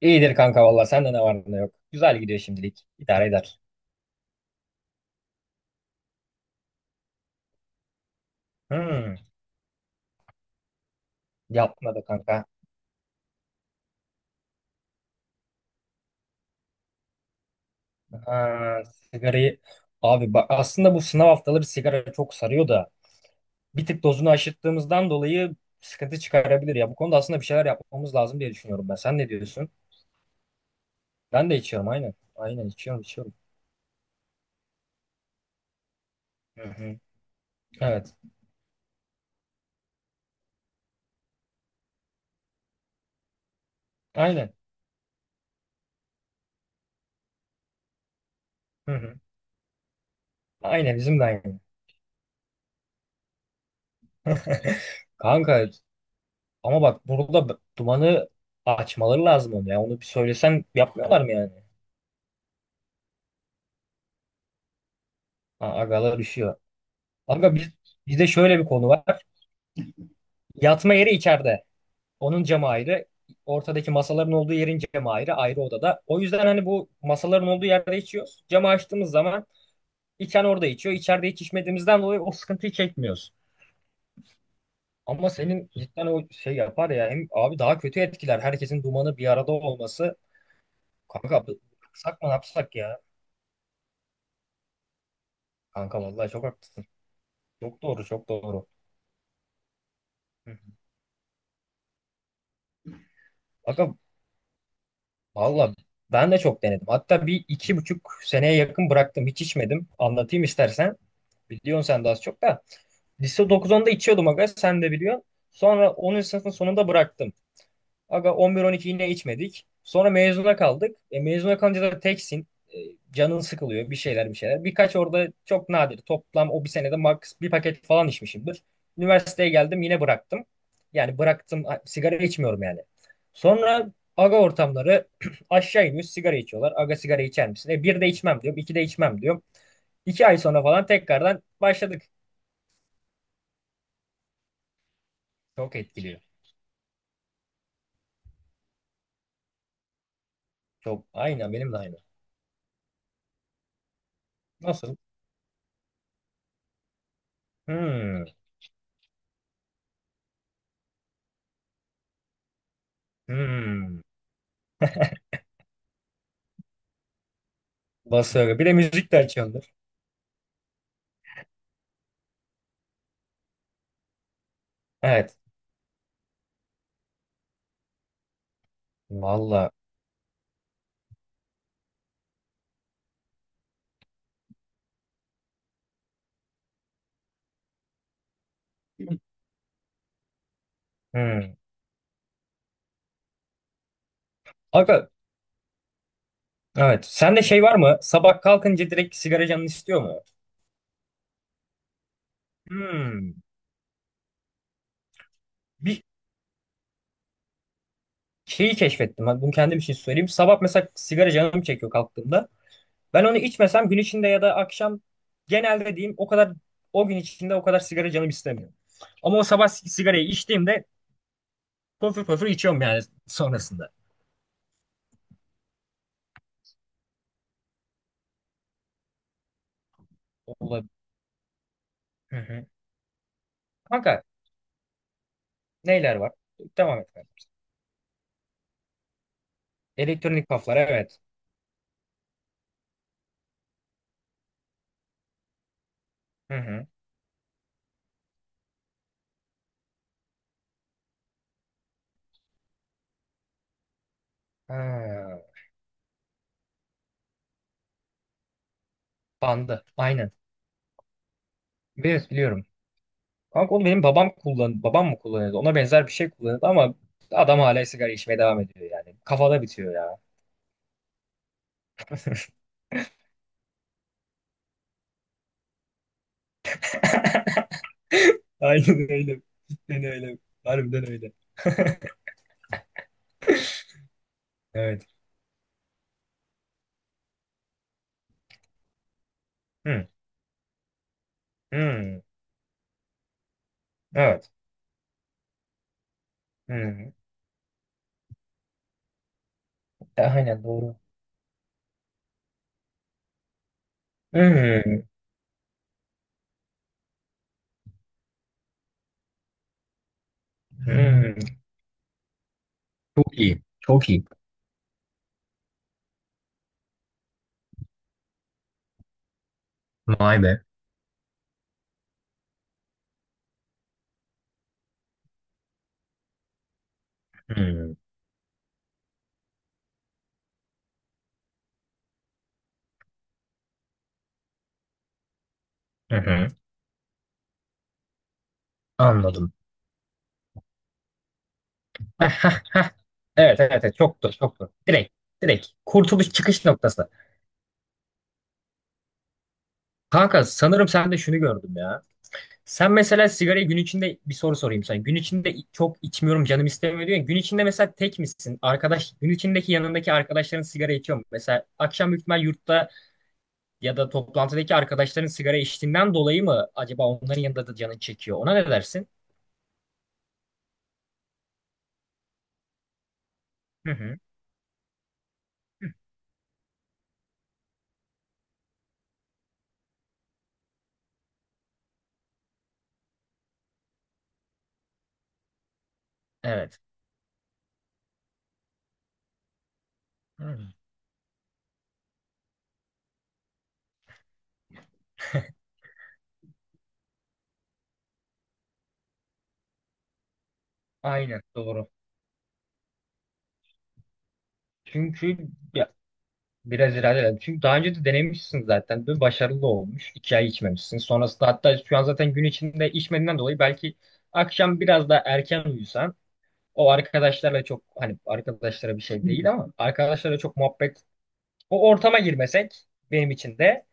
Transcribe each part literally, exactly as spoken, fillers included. İyidir kanka valla sende ne var ne yok. Güzel gidiyor şimdilik. İdare eder. Hmm, yapma da kanka. Ha, sigarayı abi bak aslında bu sınav haftaları sigara çok sarıyor da bir tık dozunu aşırttığımızdan dolayı sıkıntı çıkarabilir ya. Bu konuda aslında bir şeyler yapmamız lazım diye düşünüyorum ben. Sen ne diyorsun? Ben de içiyorum aynen. Aynen içiyorum içiyorum. Hı hı. Evet. Aynen. Hı hı. Aynen bizim de aynı. Kanka ama bak burada b- dumanı açmaları lazım onu ya. Onu bir söylesen yapmıyorlar mı yani? Ha, agalar üşüyor. Aga biz, bizde şöyle bir konu var. Yatma yeri içeride. Onun camı ayrı. Ortadaki masaların olduğu yerin camı ayrı. Ayrı odada. O yüzden hani bu masaların olduğu yerde içiyoruz. Camı açtığımız zaman içen orada içiyor. İçeride hiç içmediğimizden dolayı o sıkıntıyı çekmiyoruz. Ama senin cidden o şey yapar ya. Hem abi daha kötü etkiler. Herkesin dumanı bir arada olması. Kanka bu- sakma ne yapsak ya. Kanka vallahi çok haklısın. Çok doğru çok doğru. Hı hı. Aga valla ben de çok denedim. Hatta bir iki buçuk seneye yakın bıraktım. Hiç içmedim. Anlatayım istersen. Biliyorsun sen de az çok da. Lise dokuz onda içiyordum aga sen de biliyorsun. Sonra onuncu sınıfın sonunda bıraktım. Aga on bir on iki yine içmedik. Sonra mezuna kaldık. E, mezuna kalınca da teksin. E, canın sıkılıyor bir şeyler bir şeyler. Birkaç orada çok nadir. Toplam o bir senede max bir paket falan içmişimdir. Üniversiteye geldim yine bıraktım. Yani bıraktım a- sigara içmiyorum yani. Sonra aga ortamları aşağı iniyor sigara içiyorlar. Aga sigara içer misin? E, bir de içmem diyorum. İki de içmem diyorum. İki ay sonra falan tekrardan başladık. Çok etkiliyor. Çok aynen benim de aynı. Nasıl? Hmm. Hmm. Basarı. Bir de müzik de açıyordur. Evet. Valla. Hmm. Aga, evet. Sende şey var mı? Sabah kalkınca direkt sigara canın istiyor mu? Hmm. Bir şeyi keşfettim. Hadi bunu kendim için söyleyeyim. Sabah mesela sigara canım çekiyor kalktığımda. Ben onu içmesem gün içinde ya da akşam genelde diyeyim o kadar o gün içinde o kadar sigara canım istemiyor. Ama o sabah sig- sigarayı içtiğimde pöfür pöfür içiyorum yani sonrasında. Olabilir. Hı hı. Kanka neler var? Devam et. Elektronik kaflar evet. Hı hı. Ha, bandı. Aynen. Evet biliyorum. Kanka onu benim babam kullan babam mı kullanıyordu? Ona benzer bir şey kullanıyordu ama adam hala sigara içmeye devam ediyor yani. Kafada bitiyor ya. Aynen öyle. Cidden öyle. Harbiden öyle. Evet. Hmm. Hmm. Evet. Hmm. E, aynen doğru. Hmm. Hmm. Çok iyi. Çok iyi. Vay be. Hmm. Hı hı. Anladım. Evet, evet, evet. Çok doğru, çok doğru. Direkt, direkt. Kurtuluş çıkış noktası. Kanka sanırım sen de şunu gördüm ya. Sen mesela sigarayı gün içinde bir soru sorayım sana. Gün içinde çok içmiyorum canım istemiyor diyor ya. Gün içinde mesela tek misin? Arkadaş gün içindeki yanındaki arkadaşların sigara içiyor mu? Mesela akşam büyük ihtimal yurtta ya da toplantıdaki arkadaşların sigara içtiğinden dolayı mı acaba onların yanında da canın çekiyor? Ona ne dersin? Hı hı. Evet. Hmm. Aynen doğru. Çünkü ya biraz ilerleyelim. Çünkü daha önce de denemişsin zaten. Bir başarılı olmuş. İki ay içmemişsin. Sonrasında hatta şu an zaten gün içinde içmediğinden dolayı belki akşam biraz daha erken uyusan o arkadaşlarla çok hani arkadaşlara bir şey değil ama arkadaşlarla çok muhabbet o ortama girmesek benim için de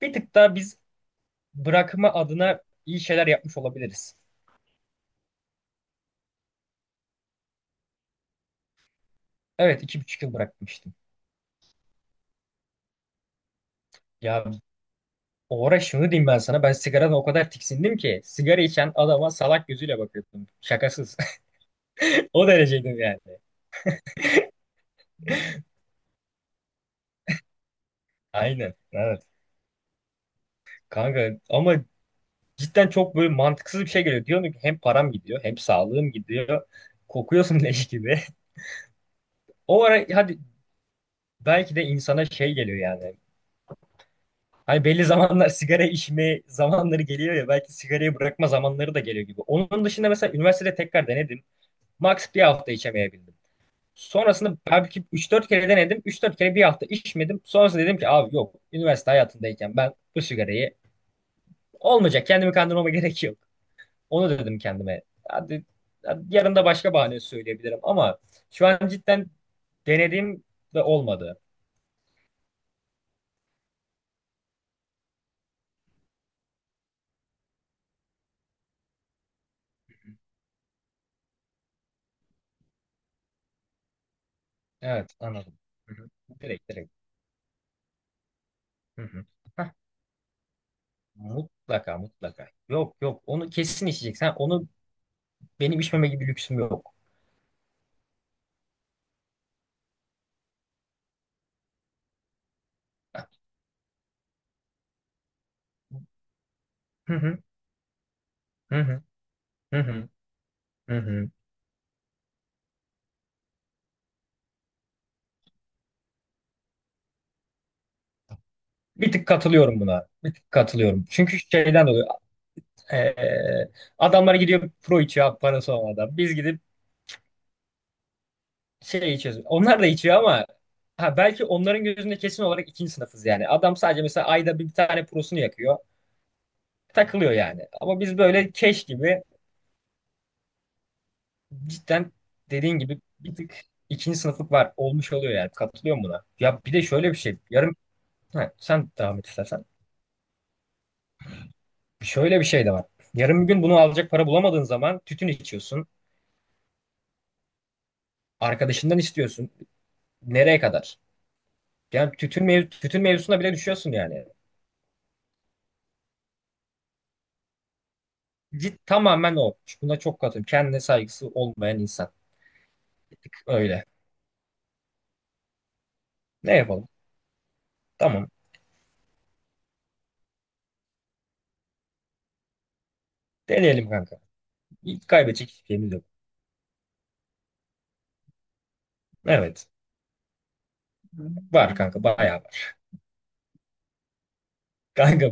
bir tık daha biz bırakma adına iyi şeyler yapmış olabiliriz. Evet iki buçuk yıl bırakmıştım. Ya o ara şunu diyeyim ben sana ben sigaradan o kadar tiksindim ki sigara içen adama salak gözüyle bakıyordum. Şakasız. O dereceydim yani. Aynen. Evet. Kanka ama cidden çok böyle mantıksız bir şey geliyor. Diyorsun ki hem param gidiyor hem sağlığım gidiyor. Kokuyorsun leş gibi. O ara hadi belki de insana şey geliyor yani. Hani belli zamanlar sigara içme zamanları geliyor ya belki sigarayı bırakma zamanları da geliyor gibi. Onun dışında mesela üniversitede tekrar denedim. Max bir hafta içemeyebildim. Sonrasında belki üç dört kere denedim. Üç dört kere bir hafta içmedim. Sonrasında dedim ki abi yok üniversite hayatındayken ben bu sigarayı olmayacak. Kendimi kandırmama gerek yok. Onu dedim kendime. Hadi, hadi yarın da başka bahane söyleyebilirim ama şu an cidden denediğim de olmadı. Evet anladım. Hı-hı. Direkt direkt. Hı-hı. Hah, mutlaka mutlaka. Yok yok onu kesin içecek. Sen onu benim içmeme gibi lüksüm yok. Hı-hı. Hı-hı. Hı-hı. Hı-hı. Bir tık katılıyorum buna. Bir tık katılıyorum. Çünkü şeyden dolayı eee, adamlar gidiyor pro içiyor parası olmadan. Biz gidip şey içiyoruz. Onlar da içiyor ama ha, belki onların gözünde kesin olarak ikinci sınıfız yani. Adam sadece mesela ayda bir tane prosunu yakıyor. Takılıyor yani. Ama biz böyle keş gibi cidden dediğin gibi bir tık ikinci sınıflık var. Olmuş oluyor yani. Katılıyorum buna. Ya bir de şöyle bir şey. Yarın ha, sen devam et istersen. Şöyle bir şey de var. Yarın bir gün bunu alacak para bulamadığın zaman tütün içiyorsun. Arkadaşından istiyorsun. Nereye kadar? Yani tütün, mev tütün mevzusuna bile düşüyorsun yani. Git tamamen o. Buna çok katılıyorum. Kendine saygısı olmayan insan. Bir tık öyle. Ne yapalım? Tamam. Deneyelim kanka. İlk kaybedecek hiçbir şeyimiz yok. Evet. Var kanka. Bayağı var. Kanka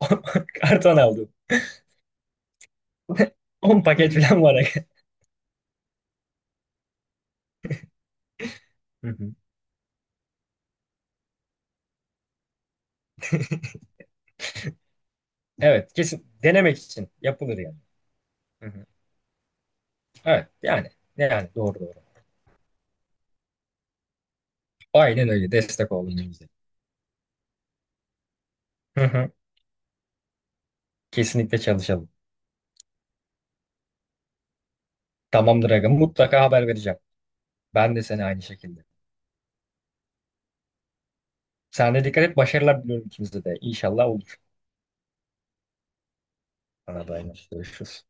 karton aldım. on paket falan var. Hı hı. Evet. Kesin denemek için yapılır yani. Hı hı. Evet. Yani. Yani doğru doğru. Aynen öyle. Destek olun bize. Hı hı. Kesinlikle çalışalım. Tamamdır aga. Mutlaka haber vereceğim. Ben de seni aynı şekilde. Sen de dikkat et. Başarılar diliyorum ikimize de. İnşallah olur. Arada tamam. Yine görüşürüz.